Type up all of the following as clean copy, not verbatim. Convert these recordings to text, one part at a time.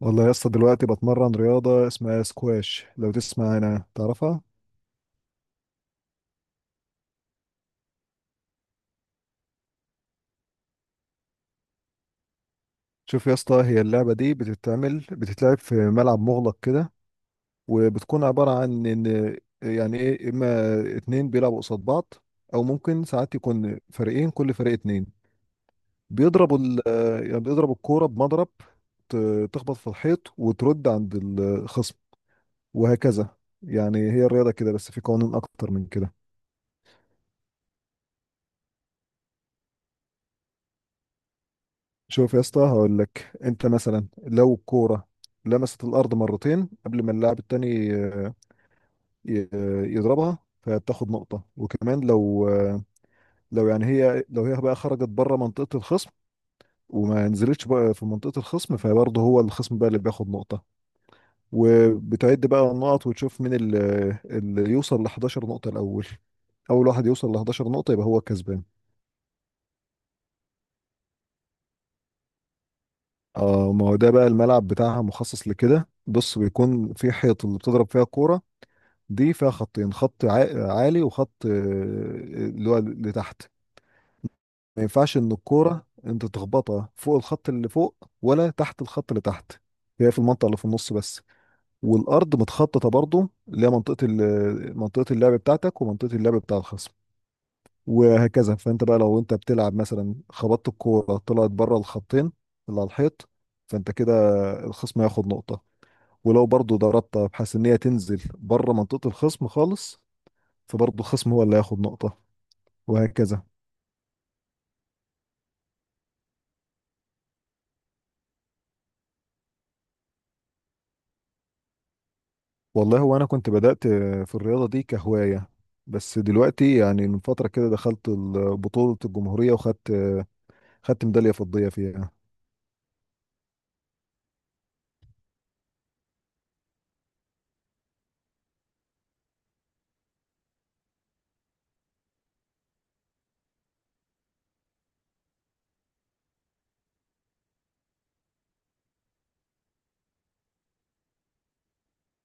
والله يا اسطى، دلوقتي بتمرن رياضة اسمها سكواش، لو تسمع انا تعرفها. شوف يا اسطى، هي اللعبة دي بتتلعب في ملعب مغلق كده، وبتكون عبارة عن ان، يعني ايه، اما اتنين بيلعبوا قصاد بعض، او ممكن ساعات يكون فريقين كل فريق اتنين، بيضربوا ال يعني بيضربوا الكورة بمضرب، تخبط في الحيط وترد عند الخصم، وهكذا. يعني هي الرياضة كده، بس في قوانين اكتر من كده. شوف يا اسطى، هقول لك. انت مثلا لو الكوره لمست الارض مرتين قبل ما اللاعب التاني يضربها، فبتاخد نقطه. وكمان لو يعني لو هي بقى خرجت بره منطقه الخصم، وما نزلتش بقى في منطقه الخصم، فبرضه هو الخصم بقى اللي بياخد نقطه. وبتعد بقى النقط وتشوف مين اللي يوصل ل 11 نقطه الاول. اول واحد يوصل ل 11 نقطه يبقى هو الكسبان. اه، ما هو ده بقى الملعب بتاعها مخصص لكده. بص، بيكون في حيط اللي بتضرب فيها الكوره، دي فيها خطين، خط عالي وخط اللي هو لتحت. ما ينفعش ان الكوره انت تخبطها فوق الخط اللي فوق، ولا تحت الخط اللي تحت، هي في المنطقه اللي في النص بس. والارض متخططه برضو، اللي هي منطقه اللعب بتاعتك ومنطقه اللعب بتاع الخصم، وهكذا. فانت بقى لو انت بتلعب مثلا خبطت الكوره طلعت بره الخطين اللي على الحيط، فانت كده الخصم هياخد نقطه. ولو برضو ضربتها بحيث ان هي تنزل بره منطقه الخصم خالص، فبرضه الخصم هو اللي هياخد نقطة، وهكذا. والله هو أنا كنت بدأت في الرياضة دي كهواية، بس دلوقتي يعني من فترة كده دخلت بطولة الجمهورية وخدت، خدت ميدالية فضية فيها.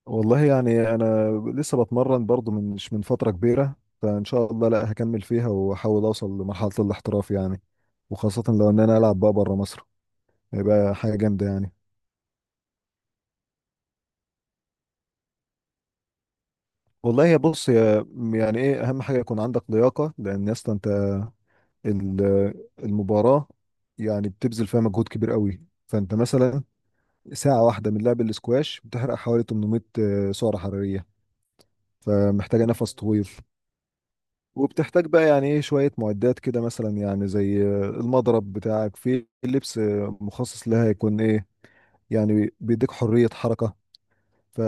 والله يعني أنا لسه بتمرن برضه مش من فترة كبيرة، فإن شاء الله لا هكمل فيها وأحاول أوصل لمرحلة الاحتراف يعني. وخاصة لو إن أنا ألعب بقى بره مصر، هيبقى حاجة جامدة يعني. والله يا بص يا يعني ايه، اهم حاجه يكون عندك لياقه، لان يا اسطى انت المباراة يعني بتبذل فيها مجهود كبير قوي. فانت مثلا ساعة واحدة من لعب الاسكواش بتحرق حوالي 800 سعرة حرارية، فمحتاجة نفس طويل. وبتحتاج بقى يعني ايه شوية معدات كده، مثلا يعني زي المضرب بتاعك. في لبس مخصص لها يكون ايه، يعني بيديك حرية حركة. ف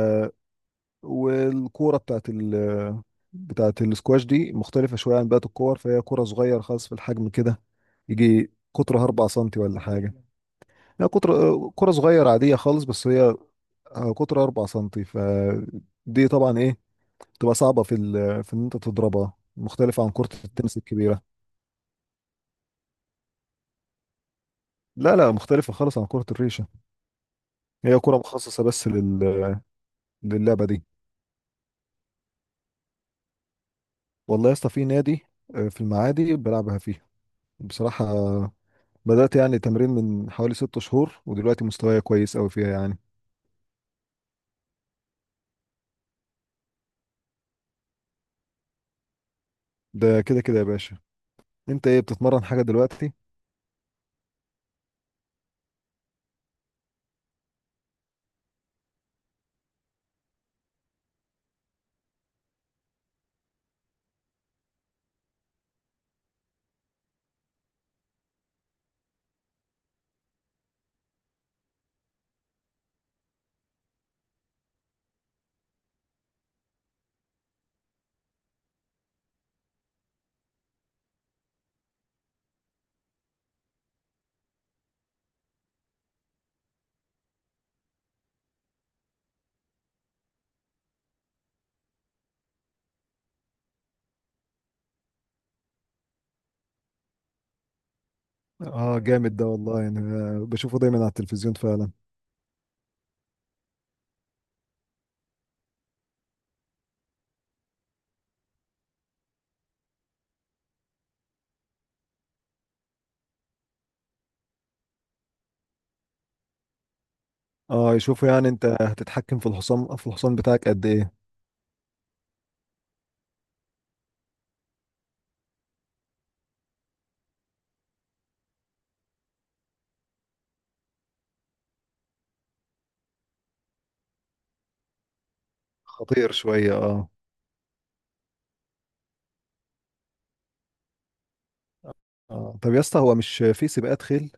والكورة بتاعت الاسكواش دي مختلفة شوية عن بقية الكور، فهي كورة صغيرة خالص في الحجم كده، يجي قطرها 4 سنتي ولا حاجة. لا، كرة صغيرة عادية خالص، بس هي قطر 4 سنتي، فدي طبعا ايه، تبقى صعبة في في ان انت تضربها، مختلفة عن كرة التنس الكبيرة. لا لا، مختلفة خالص عن كرة الريشة. هي كرة مخصصة بس للعبة دي. والله يا اسطى في نادي في المعادي بلعبها فيه. بصراحة بدأت يعني تمرين من حوالي 6 شهور، ودلوقتي مستواي كويس أوي فيها يعني. ده كده كده يا باشا، انت ايه، بتتمرن حاجة دلوقتي؟ اه جامد ده والله، يعني بشوفه دايما على التلفزيون فعلا. اه، يشوفوا يعني انت هتتحكم في الحصان بتاعك قد ايه. خطير شوية، اه. اه، طب يا اسطى هو مش في سباقات خيل؟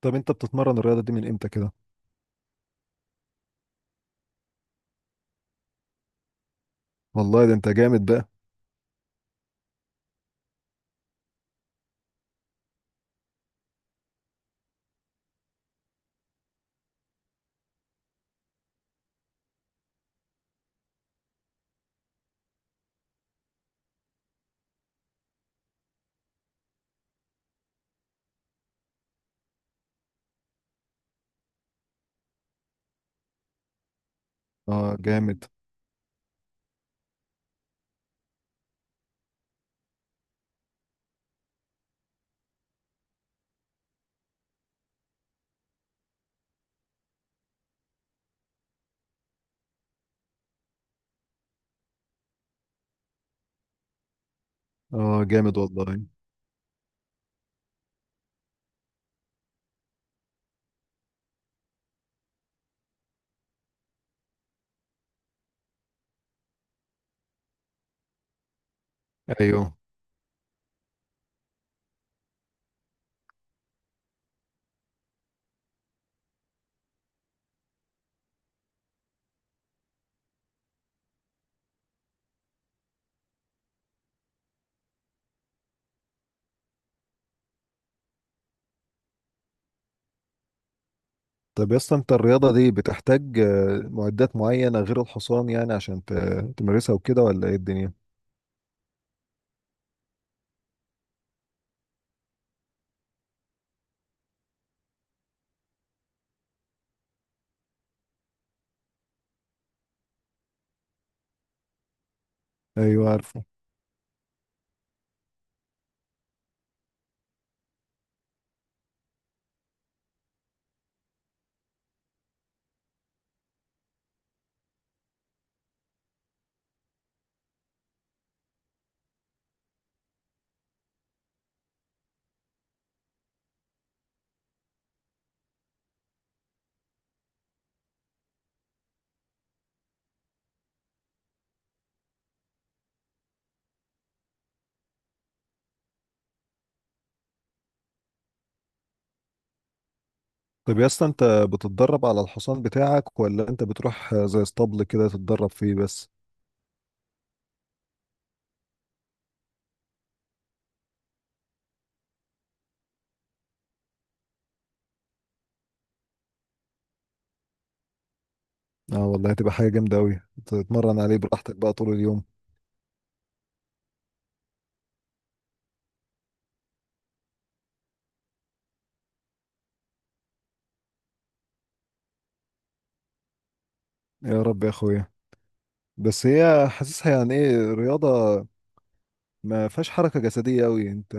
طب انت بتتمرن الرياضة دي من امتى كده؟ والله ده انت جامد بقى. اه جامد. اه جامد والله. ايوه. طب يا اسطى، انت الرياضة دي بتحتاج معدات معينة غير الحصان، يعني عشان تمارسها وكده، ولا ايه الدنيا؟ ايوه عارفه. طب يا اسطى، انت بتتدرب على الحصان بتاعك، ولا انت بتروح زي اسطبل كده تتدرب فيه بس؟ اه والله هتبقى حاجة جامدة أوي، تتمرن عليه براحتك بقى طول اليوم. يا رب يا أخويا. بس هي حاسسها يعني إيه، رياضة ما فيهاش حركة جسدية أوي. أنت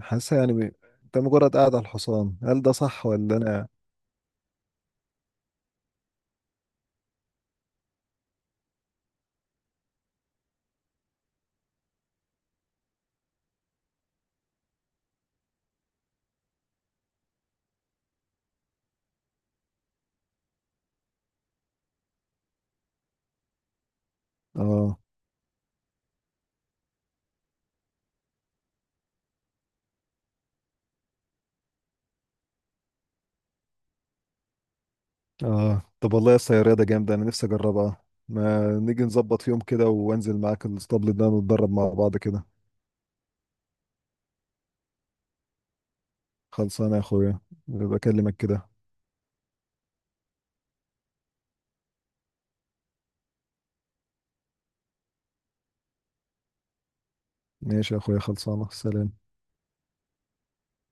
حاسسها يعني أنت مجرد قاعد على الحصان، هل ده صح ولا أنا؟ آه. آه، طب والله يا اسطى، هي رياضة جامدة، أنا نفسي أجربها. ما نيجي نظبط في يوم كده وأنزل معاك الاسطبل ده نتدرب مع بعض كده. خلصانة يا أخويا، بكلمك كده. ماشي يا أخويا، خلصانة. سلام.